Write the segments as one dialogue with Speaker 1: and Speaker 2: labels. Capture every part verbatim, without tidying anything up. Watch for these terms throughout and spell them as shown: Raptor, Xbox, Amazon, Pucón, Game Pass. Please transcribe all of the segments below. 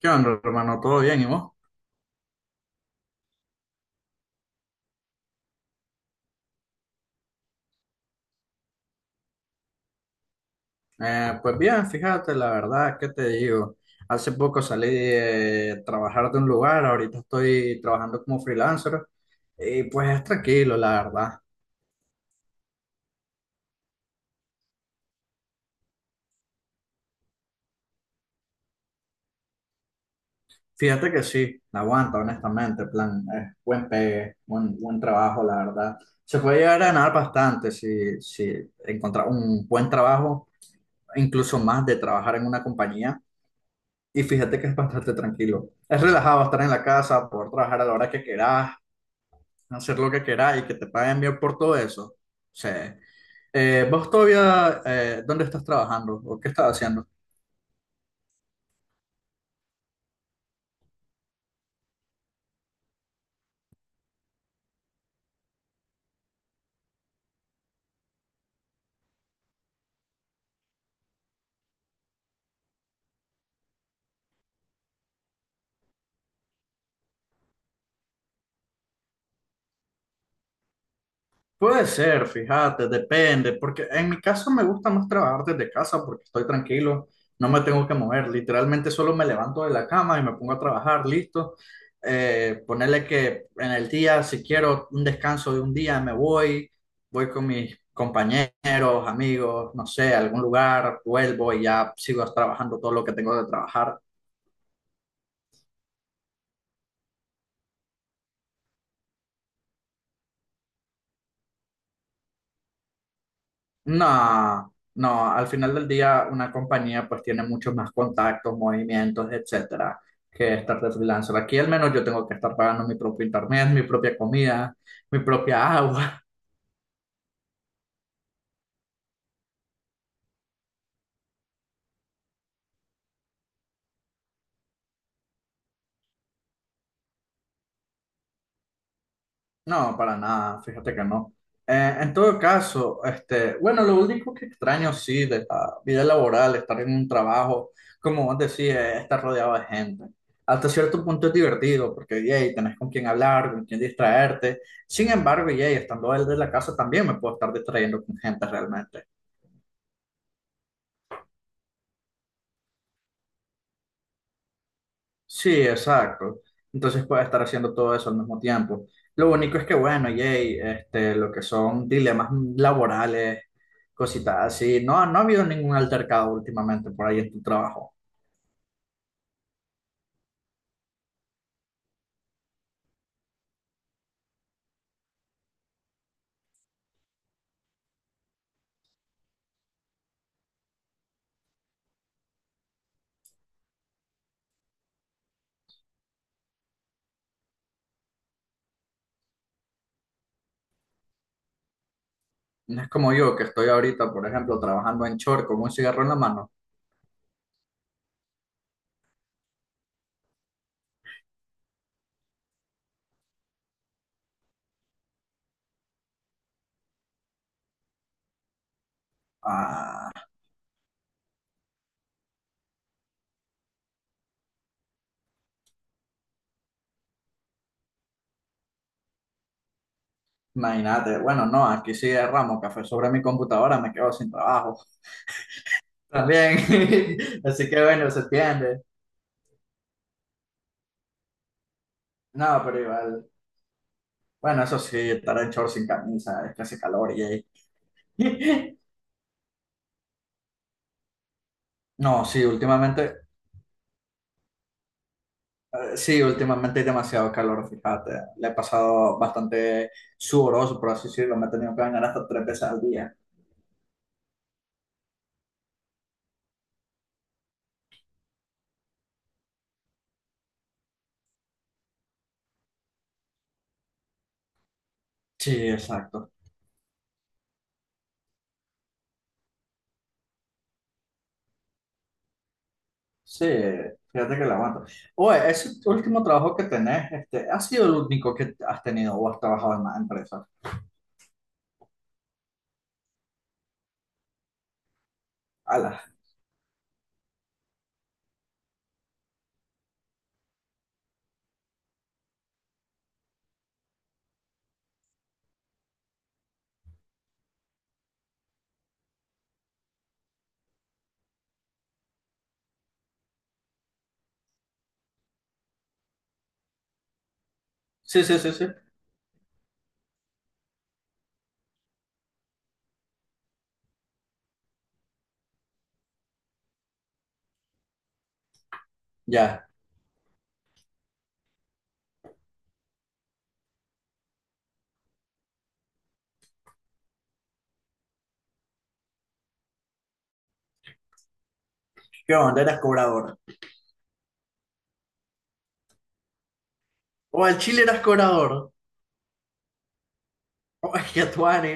Speaker 1: ¿Qué onda, hermano? ¿Todo bien? ¿Y vos? Eh, pues bien, fíjate, la verdad, ¿qué te digo? Hace poco salí de trabajar de un lugar, ahorita estoy trabajando como freelancer y pues es tranquilo, la verdad. Fíjate que sí, la aguanta, honestamente, plan, eh, buen pegue, buen, buen trabajo, la verdad. Se puede llegar a ganar bastante si, si encontrar un buen trabajo, incluso más de trabajar en una compañía. Y fíjate que es bastante tranquilo. Es relajado estar en la casa, poder trabajar a la hora que querás hacer lo que queráis y que te paguen bien por todo eso. O sea, eh, vos todavía, eh, ¿dónde estás trabajando o qué estás haciendo? Puede ser, fíjate, depende, porque en mi caso me gusta más trabajar desde casa porque estoy tranquilo, no me tengo que mover, literalmente solo me levanto de la cama y me pongo a trabajar, listo. Eh, ponerle que en el día, si quiero un descanso de un día, me voy, voy con mis compañeros, amigos, no sé, a algún lugar, vuelvo y ya sigo trabajando todo lo que tengo de trabajar. No, no, al final del día una compañía pues tiene muchos más contactos, movimientos, etcétera, que estar de freelancer. Aquí al menos yo tengo que estar pagando mi propio internet, mi propia comida, mi propia agua. No, para nada, fíjate que no. Eh, en todo caso, este, bueno, lo único que extraño sí de la vida laboral, estar en un trabajo, como vos decís, es estar rodeado de gente. Hasta cierto punto es divertido porque, yay, tenés con quién hablar, con quién distraerte. Sin embargo, yay, estando él de la casa también me puedo estar distrayendo con gente realmente. Sí, exacto. Entonces puedes estar haciendo todo eso al mismo tiempo. Lo único es que, bueno, yay, este, lo que son dilemas laborales, cositas así. No, no ha habido ningún altercado últimamente por ahí en tu trabajo. No es como yo, que estoy ahorita, por ejemplo, trabajando en short con un cigarro en la mano. Ah, imagínate, bueno, no, aquí sí derramo café sobre mi computadora, me quedo sin trabajo también. Así que bueno, se entiende. No, pero igual. Bueno, eso sí, estar en shorts sin camisa, es que hace calor y ahí. No, sí, últimamente, eh, sí, últimamente hay demasiado calor, fíjate. Le he pasado bastante sudoroso, por así decirlo, me he tenido que bañar hasta tres veces al día. Sí, exacto. Sí, fíjate que la aguanto. Oye, ese último trabajo que tenés, este, ¿ha sido el único que has tenido o has trabajado en más empresas? Ala. Sí, sí, sí, sí. Ya. ¿Qué onda? Eras cobrador. O al Chile eras cobrador. O es que tú, Ani.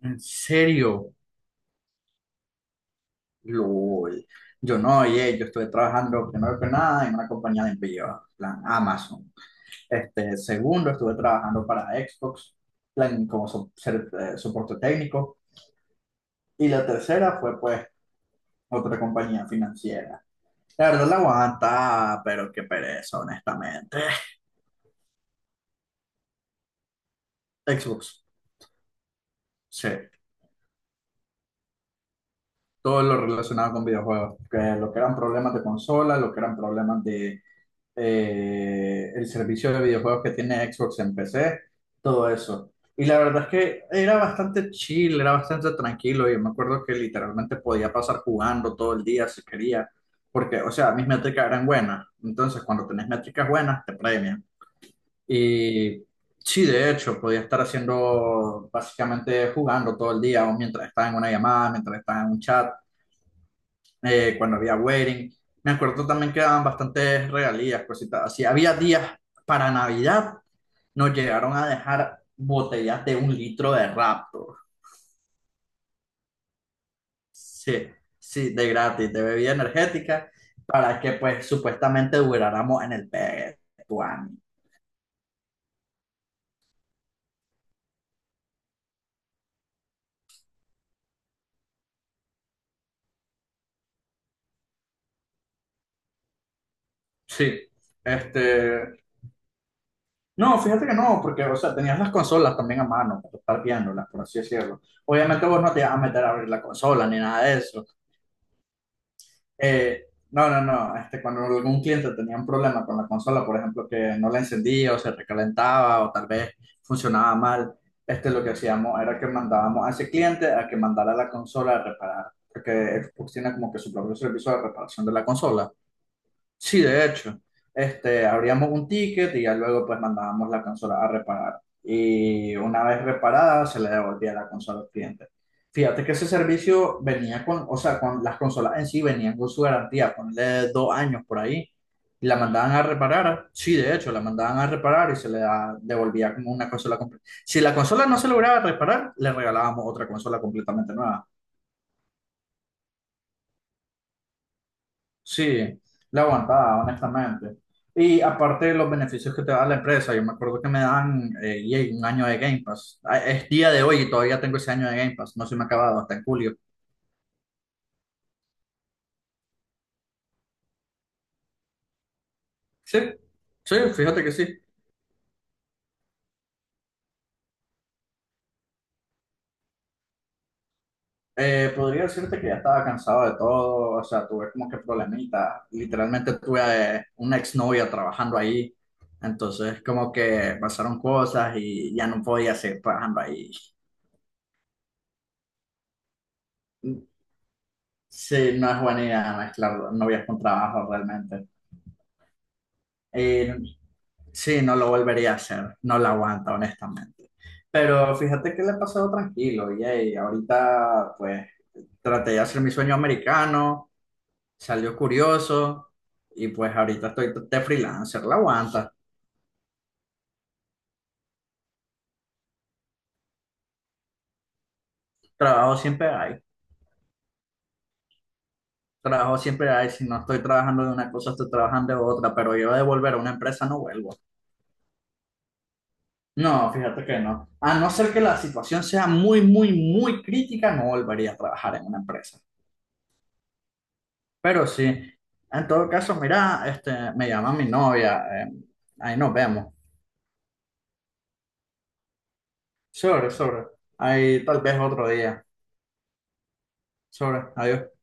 Speaker 1: En serio, LOL. Yo no, oye, yo estuve trabajando primero que nada en una compañía de envío, plan Amazon. Este, segundo, estuve trabajando para Xbox, plan como so- ser- eh, soporte técnico. Y la tercera fue, pues, otra compañía financiera. La verdad la aguanta, pero qué pereza, honestamente. Xbox, sí. Todo lo relacionado con videojuegos, que lo que eran problemas de consola, lo que eran problemas de eh, el servicio de videojuegos que tiene Xbox en P C, todo eso. Y la verdad es que era bastante chill, era bastante tranquilo. Yo me acuerdo que literalmente podía pasar jugando todo el día si quería, porque, o sea, mis métricas eran buenas. Entonces, cuando tenés métricas buenas, te premian. Y sí, de hecho, podía estar haciendo, básicamente jugando todo el día, o mientras estaba en una llamada, mientras estaba en un chat eh, cuando había wedding. Me acuerdo también que daban bastantes regalías, cositas así. Había días para Navidad, nos llegaron a dejar botellas de un litro de Raptor. Sí, sí, de gratis, de bebida energética, para que pues supuestamente duráramos en el Betuani. Sí, este... No, fíjate que no, porque, o sea, tenías las consolas también a mano para estar viéndolas, por así decirlo. Obviamente vos no te ibas a meter a abrir la consola ni nada de eso. Eh, no, no, no. Este, cuando algún cliente tenía un problema con la consola, por ejemplo, que no la encendía o se recalentaba o tal vez funcionaba mal, este, lo que hacíamos era que mandábamos a ese cliente a que mandara la consola a reparar, porque Xbox tiene como que su propio servicio de reparación de la consola. Sí, de hecho, este, abríamos un ticket y ya luego pues mandábamos la consola a reparar. Y una vez reparada se le devolvía la consola al cliente. Fíjate que ese servicio venía con, o sea, con las consolas en sí venían con su garantía, ponle dos años por ahí. Y la mandaban a reparar. Sí, de hecho, la mandaban a reparar y se le da- devolvía como una consola completa. Si la consola no se lograba reparar, le regalábamos otra consola completamente nueva. Sí, la aguantaba, honestamente. Y aparte de los beneficios que te da la empresa, yo me acuerdo que me dan eh, yay, un año de Game Pass. Ah, es día de hoy y todavía tengo ese año de Game Pass. No se me ha acabado hasta en julio. Sí, sí, fíjate que sí. Eh, podría decirte que ya estaba cansado de todo, o sea, tuve como que problemitas. Literalmente tuve eh, una exnovia trabajando ahí. Entonces, como que pasaron cosas y ya no podía seguir trabajando ahí. Sí, no es buena idea mezclar novias con trabajo realmente. Eh, sí, no lo volvería a hacer, no lo aguanta, honestamente. Pero fíjate que le he pasado tranquilo, y ahorita pues traté de hacer mi sueño americano, salió curioso y pues ahorita estoy de freelancer, la aguanta, trabajo siempre hay, trabajo siempre hay, si no estoy trabajando de una cosa, estoy trabajando de otra, pero yo de volver a una empresa no vuelvo. No, fíjate que no. A no ser que la situación sea muy, muy, muy crítica, no volvería a trabajar en una empresa. Pero sí, en todo caso, mira, este, me llama mi novia, eh, ahí nos vemos. Sobre, sobre, ahí tal vez otro día. Sobre, adiós.